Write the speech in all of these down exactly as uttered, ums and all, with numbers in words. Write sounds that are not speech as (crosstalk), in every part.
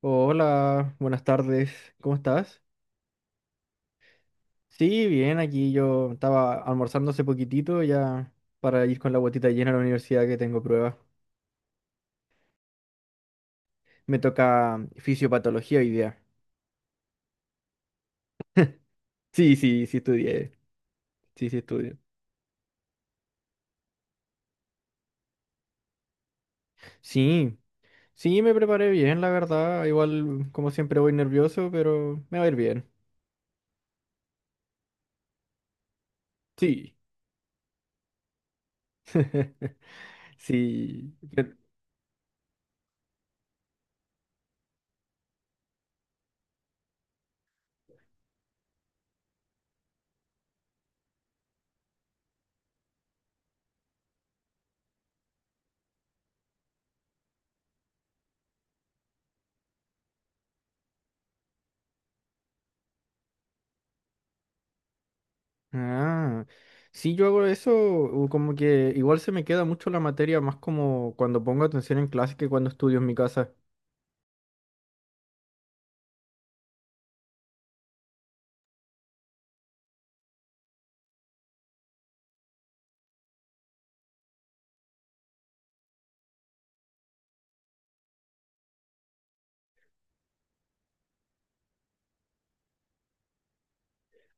Hola, buenas tardes, ¿cómo estás? Sí, bien, aquí yo estaba almorzando hace poquitito ya para ir con la botita llena a la universidad que tengo pruebas. Me toca mm, fisiopatología hoy día. Sí, sí, sí estudié, sí, sí estudié. Sí, sí me preparé bien, la verdad. Igual, como siempre, voy nervioso, pero me va a ir bien. Sí, (laughs) sí. Ah, sí, yo hago eso, u- como que igual se me queda mucho la materia, más como cuando pongo atención en clase que cuando estudio en mi casa.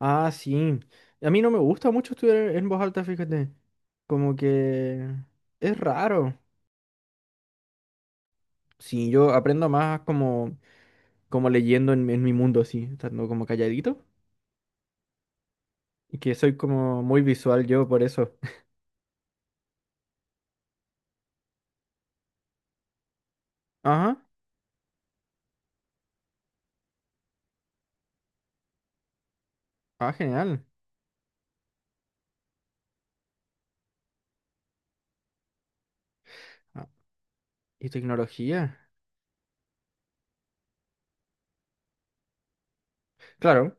Ah, sí. A mí no me gusta mucho estudiar e, en voz alta, fíjate. Como que es raro. Sí, yo aprendo más como, como leyendo en, en mi mundo, así, estando como calladito. Y que soy como muy visual yo por eso. (laughs) Ajá. Ah, genial. Ah, ¿y tecnología? Claro,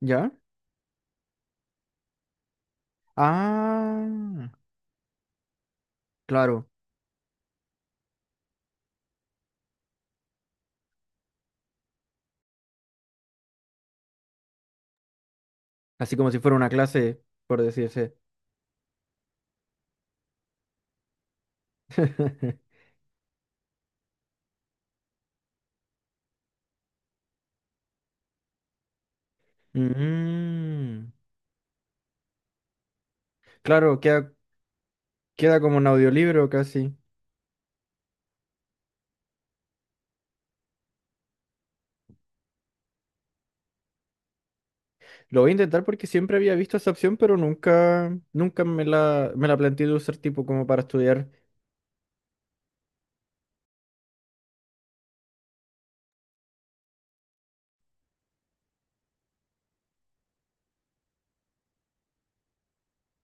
¿ya? Ah, claro. Así como si fuera una clase, por decirse. (laughs) Mm, claro, queda, queda como un audiolibro casi. Lo voy a intentar porque siempre había visto esa opción, pero nunca, nunca me la, me la planteé de usar tipo como para estudiar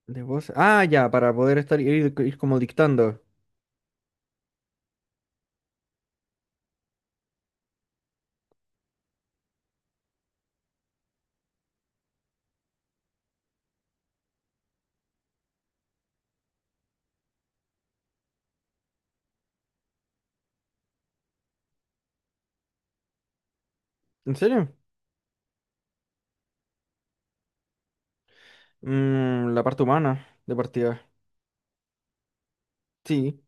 de voz. Ah, ya, para poder estar ir, ir como dictando. ¿En serio? Mm, la parte humana de partida. Sí,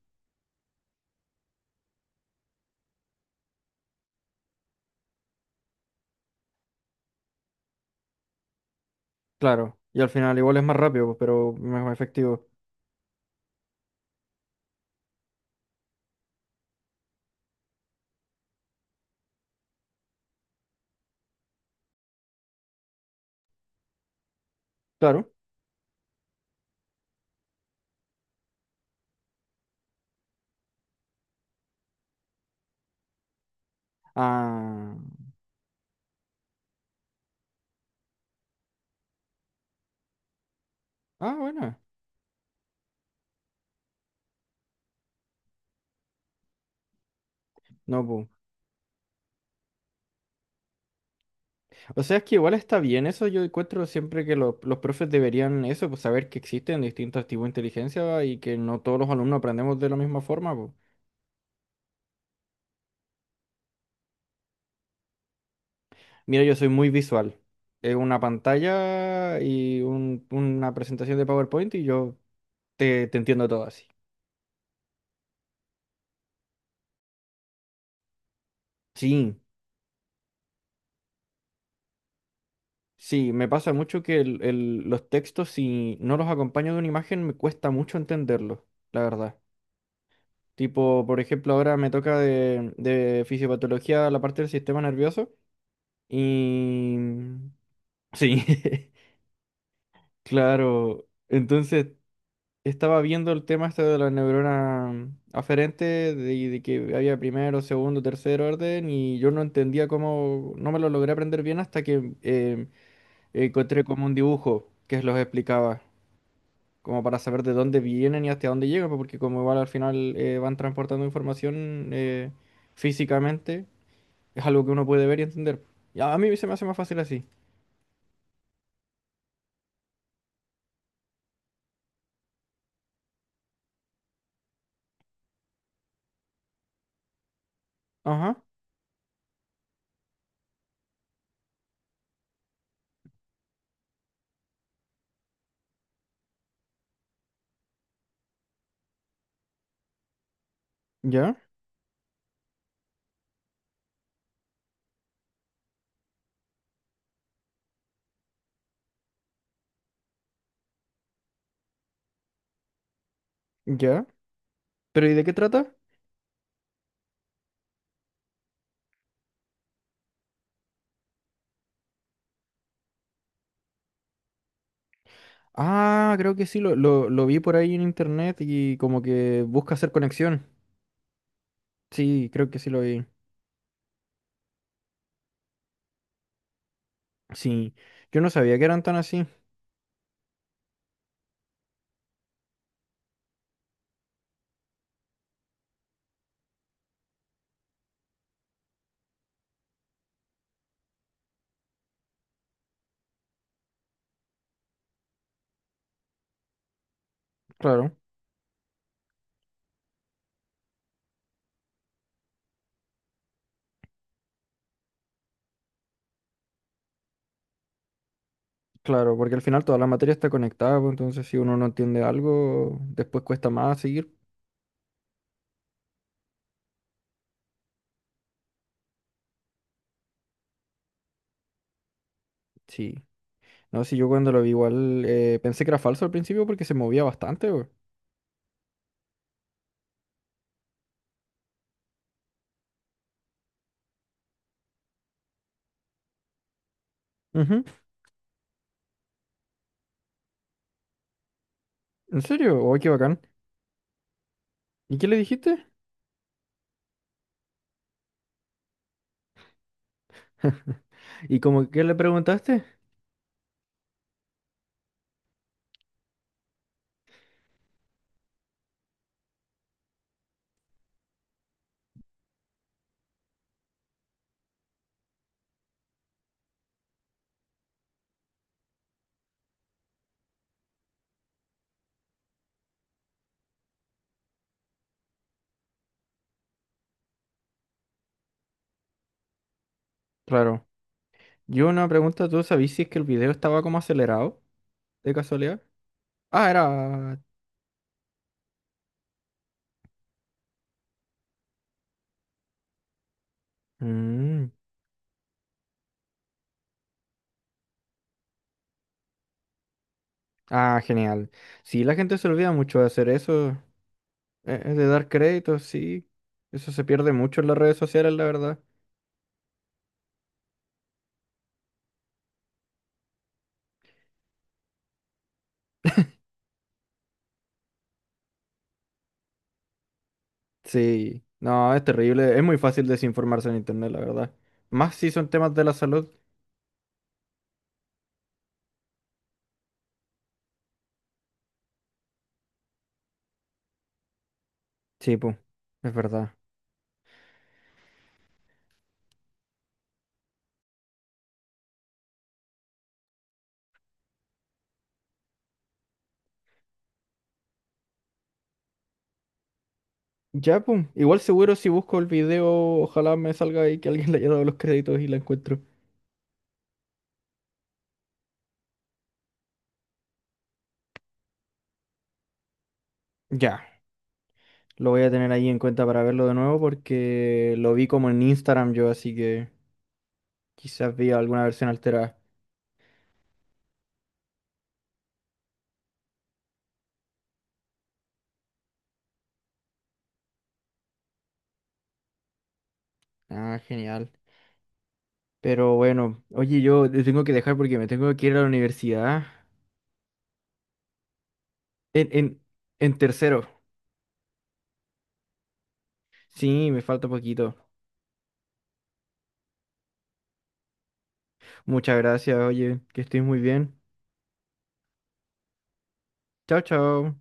claro. Y al final igual es más rápido, pero más efectivo. Claro. Ah, ah, bueno. No, pues. O sea, es que igual está bien eso. Yo encuentro siempre que lo- los profes deberían eso, pues saber que existen distintos tipos de inteligencia y que no todos los alumnos aprendemos de la misma forma. Po. Mira, yo soy muy visual. Es una pantalla y un- una presentación de PowerPoint y yo te, te entiendo todo así. Sí, sí, me pasa mucho que el- el- los textos, si no los acompaño de una imagen, me cuesta mucho entenderlos, la verdad. Tipo, por ejemplo, ahora me toca de de fisiopatología la parte del sistema nervioso. Y sí, (laughs) claro. Entonces estaba viendo el tema este de la neurona aferente, de, de que había primero, segundo, tercer orden, y yo no entendía cómo, no me lo logré aprender bien hasta que eh, encontré como un dibujo que los explicaba, como para saber de dónde vienen y hasta dónde llegan, pues, porque como igual al final eh, van transportando información eh, físicamente, es algo que uno puede ver y entender. Y a a mí se me hace más fácil así. Ajá, ya, ya. ¿Pero y de qué trata? Ah, creo que sí, lo, lo, lo vi por ahí en internet y como que busca hacer conexión. Sí, creo que sí lo vi. Sí, yo no sabía que eran tan así. Claro, claro, porque al final toda la materia está conectada, pues, entonces si uno no entiende algo, después cuesta más seguir. Sí, no, sí, yo cuando lo vi igual eh, pensé que era falso al principio porque se movía bastante, güey. Ujú. ¿En serio? ¡Oh, qué bacán! ¿Y qué le dijiste? (laughs) ¿Y como qué le preguntaste? Claro. Yo una pregunta, ¿tú sabías si es que el video estaba como acelerado de casualidad? Ah, era… Mm. Ah, genial. Sí, la gente se olvida mucho de hacer eso, eh, eh, de dar créditos, sí. Eso se pierde mucho en las redes sociales, la verdad. Sí, no, es terrible. Es muy fácil desinformarse en internet, la verdad. Más si son temas de la salud. Sí, pum, es verdad. Ya, pum. Igual seguro si busco el video, ojalá me salga ahí que alguien (laughs) le haya dado los créditos y la encuentro. Ya, lo voy a tener ahí en cuenta para verlo de nuevo porque lo vi como en Instagram yo, así que… Quizás vea alguna versión alterada. Ah, genial. Pero bueno, oye, yo te tengo que dejar porque me tengo que ir a la universidad. En, en, en tercero. Sí, me falta poquito. Muchas gracias, oye, que estés muy bien. Chao, chao.